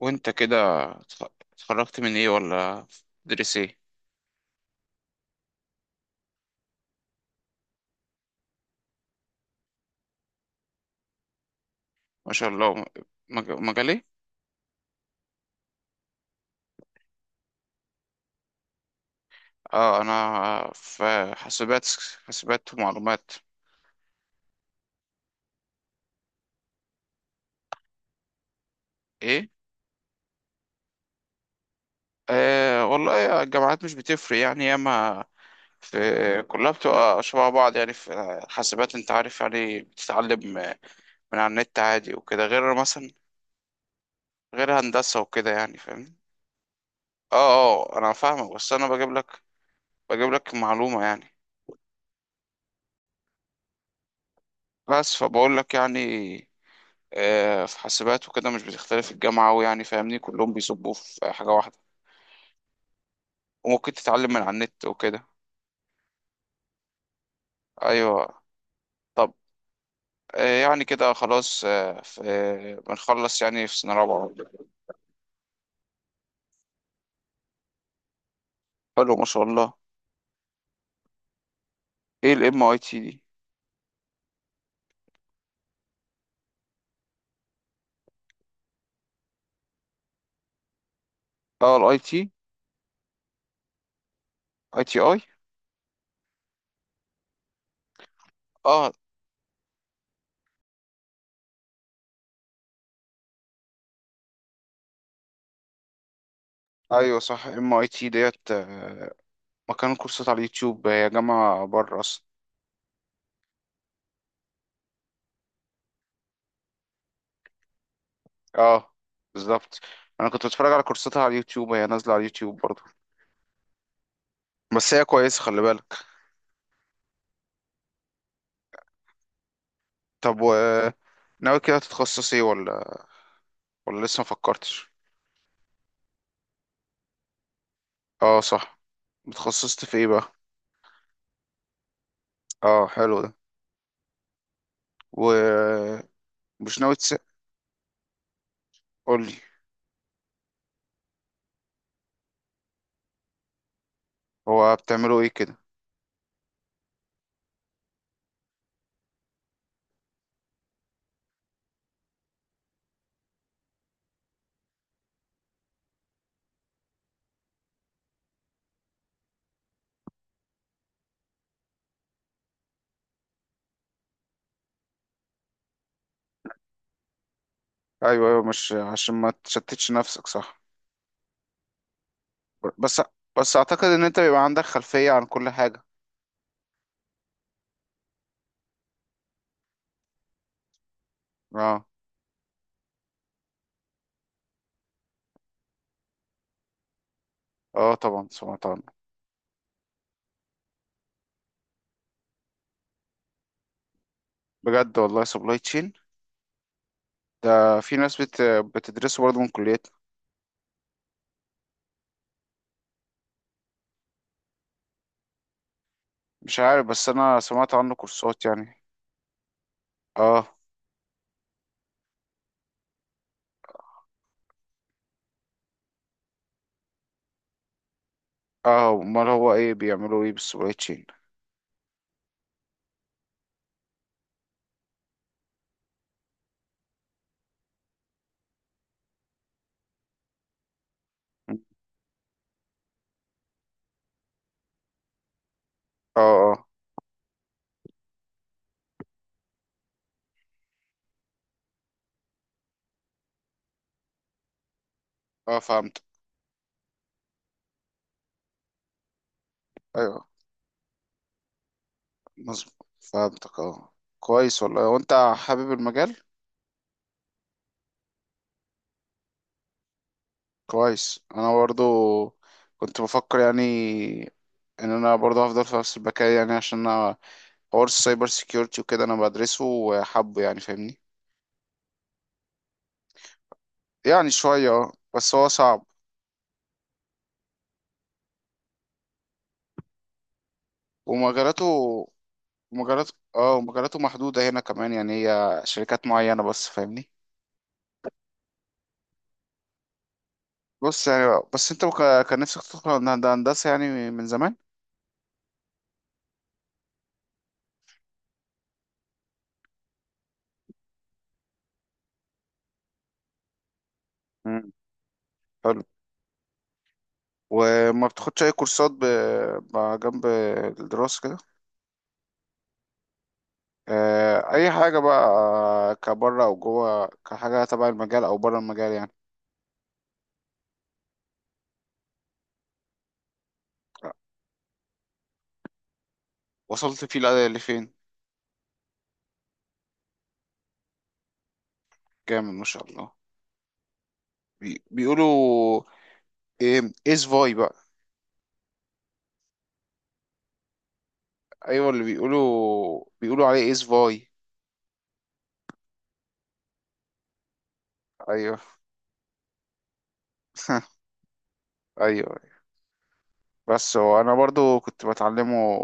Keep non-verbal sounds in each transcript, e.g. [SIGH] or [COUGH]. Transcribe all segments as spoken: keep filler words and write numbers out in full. وانت كده، اتخ- اتخرجت من ايه ولا تدرس ايه؟ ما شاء الله. مج- مجالي. اه، انا في حاسبات. حاسبات ومعلومات. ايه؟ آه والله الجامعات مش بتفرق يعني، ياما في، كلها بتبقى شبه بعض يعني. في حاسبات انت عارف يعني بتتعلم من على النت عادي وكده، غير مثلا غير هندسة وكده يعني فاهم. اه اه، انا فاهمك بس انا بجيب لك بجيب لك معلومة يعني، بس فبقول لك يعني. آه، في حاسبات وكده مش بتختلف الجامعة أوي يعني فاهمني، كلهم بيصبوا في حاجة واحدة وممكن تتعلم من على النت وكده. أيوة. طب. آه، يعني كده خلاص، آه، في- آه، بنخلص يعني في سنة رابعة. حلو ما شاء الله. ايه الام اي تي دي؟ اه الاي تي. اي تي اي. اه، ايوه صح ام اي تي ديت. آه، مكان كورسات على اليوتيوب، هي جامعة بره اصلا. اه، بالظبط. انا كنت بتفرج على كورساتها على اليوتيوب، هي نازلة على اليوتيوب برضه. بس هي كويسة، خلي بالك. طب و ناوي كده تتخصص ايه، ولا ولا لسه ما فكرتش؟ اه صح. اتخصصت في ايه بقى؟ اه، حلو ده. ومش ناوي تس قولي. هو بتعملوا ايه كده؟ ايوه ايوه، مش عشان ما تشتتش نفسك، صح؟ بس بس اعتقد ان انت بيبقى عندك خلفية عن كل حاجة. اه اه، طبعا سمعت عنه. بجد والله سبلاي تشين ده. في ناس بت... بتدرسه برضه من كليتنا. مش عارف، بس انا سمعت عنه كورسات يعني. اه. اه، امال هو ايه، بيعملوا ايه بالسبلاي تشين؟ اه اه اه، فهمت. ايوه مظبوط، فهمتك. اه، كويس والله. وانت حابب المجال؟ كويس. انا برضو كنت بفكر يعني ان انا برضو هفضل في نفس البكالوريا يعني، عشان انا حوار السايبر سيكيورتي وكده انا بدرسه وحابه يعني فاهمني. يعني شوية، اه بس هو صعب. ومجالاته ومجالاته اه ومجالاته محدودة هنا كمان، يعني هي شركات معينة بس فاهمني. بص يعني، بس انت وك- كان نفسك تدخل هند- هندسة يعني من زمان. مم. حلو. وما بتاخدش اي كورسات ب... ب- جنب الدراسة كده؟ آه، اي حاجة بقى، كبره او جوه، كحاجة تبع المجال او بره المجال يعني. وصلت فيه لأ- لفين؟ جامد ما شاء الله. بي... بيقولوا ايه ايس فاي بقى؟ ايوه اللي بيقولوا بيقولوا عليه ايس فاي. ايوه. [LAUGHS] ايوه، بس هو انا برضو كنت بتعلمه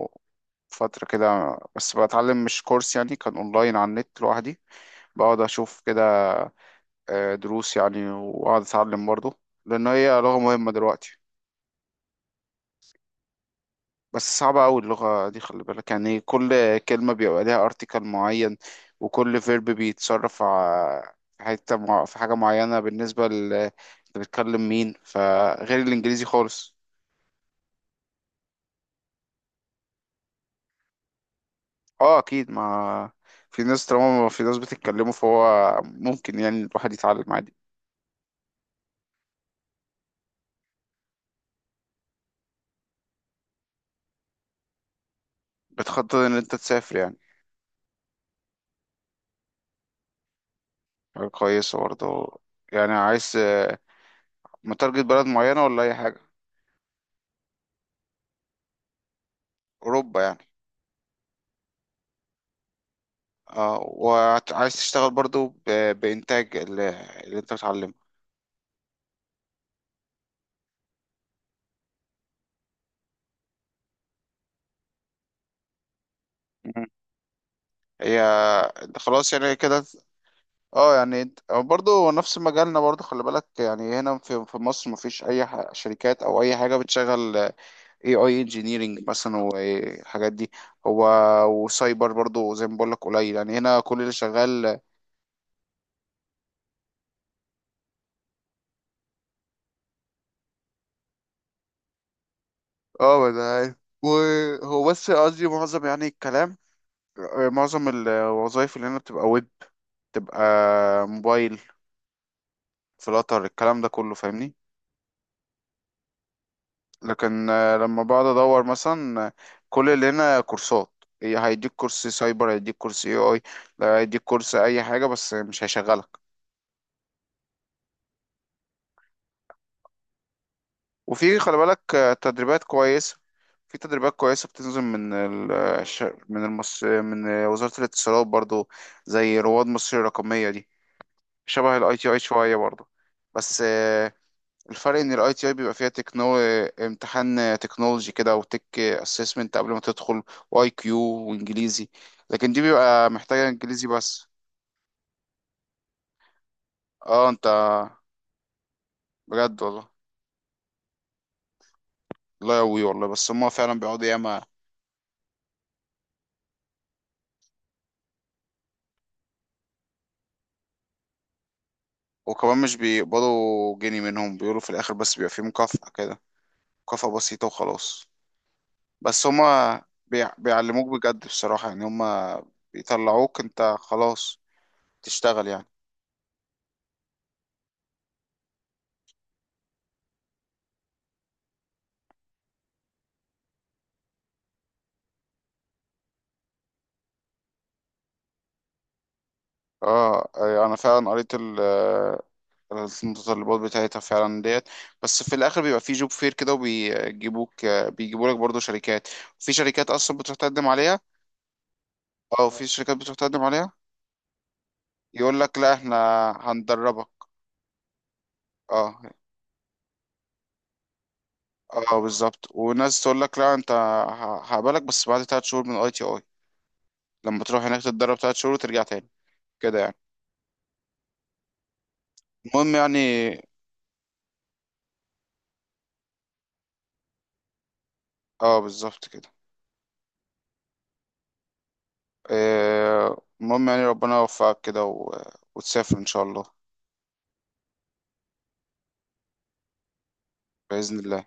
فترة كده، بس بتعلم مش كورس يعني، كان اونلاين على النت لوحدي، بقعد اشوف كده آه، دروس يعني واقعد اتعلم برضه، لان هي لغة مهمة دلوقتي. بس صعبة قوي اللغة دي، خلي بالك يعني، كل كلمة بيبقى ليها ارتيكل معين، وكل فيرب بيتصرف ع- في حتة مع... في حاجة معينة بالنسبة ل انت بتكلم مين، فغير الانجليزي خالص. اه اكيد، ما في ناس، طالما ما في ناس بتتكلموا فهو ممكن يعني الواحد يتعلم عادي. بتخطط ان انت تسافر يعني؟ حاجة كويسة برضه. يعني عايز، آه، متارجت بلد معينة ولا اي حاجة؟ اوروبا يعني؟ اه، وعايز تشتغل برضو ب... بإنتاج اللي... اللي انت بتعلمه؟ مم. هي خلاص يعني كده. اه يعني انت- أو برضو نفس مجالنا برضو، خلي بالك يعني هنا في في مصر مفيش اي ح- شركات او اي حاجه بتشغل اي اي انجينيرنج مثلا والحاجات دي. هو وسايبر برضو زي ما بقول لك قليل يعني، هنا كل اللي شغال. اه ما انا عارف. وهو بس قصدي معظم يعني الكلام، آه، معظم الوظائف اللي هنا بتبقى ويب، تبقى موبايل، في القطر، الكلام ده كله فاهمني. لكن آه، لما بقعد ادور مثلا، آه، كل اللي هنا كورسات. إيه، هيديك كورس سايبر، هيديك كورس اي اي، هيديك كورس اي حاجه، بس مش هيشغلك. وفي خلي بالك آه، تدريبات كويسه. في تدريبات كويسه بتنزل من ال آه، الش- من المص من وزاره الاتصالات برضو، زي رواد مصر الرقميه دي، شبه الاي تي اي شويه برضو. بس آه، الفرق ان الاي تي اي بيبقى فيها تكنو امتحان تكنولوجي كده، او تك اسسمنت قبل ما تدخل، واي كيو وانجليزي. لكن دي بيبقى محتاجه انجليزي بس. اه انت. بجد والله. لا يقوي والله، بس هما فعلا بيقعدوا ياما. وكمان مش بيقبضوا جنيه منهم، بيقولوا في الاخر بس بيبقى فيه مكافأة كده، مكافأة بسيطة وخلاص. بس هما بيع- بيعلموك بجد بصراحة يعني، هما بيطلعوك انت خلاص تشتغل يعني. اه انا فعلا قريت المتطلبات بتاعتها فعلا ديت. بس في الاخر بيبقى في جوب فير كده، وبيجيبوك بيجيبوا لك برضه شركات. في شركات اصلا بتروح تقدم عليها، او في شركات بتروح تقدم عليها يقول لك لا احنا هندربك. اه اه بالظبط. وناس تقول لك لا انت ه- هقبلك بس بعد تلات شهور من اي تي اي، لما تروح هناك تتدرب تلات شهور وترجع تاني كده يعني. المهم يعني. اه بالظبط كده. آه، المهم يعني ربنا يوفقك كده، و... وتسافر ان شاء الله. بإذن الله.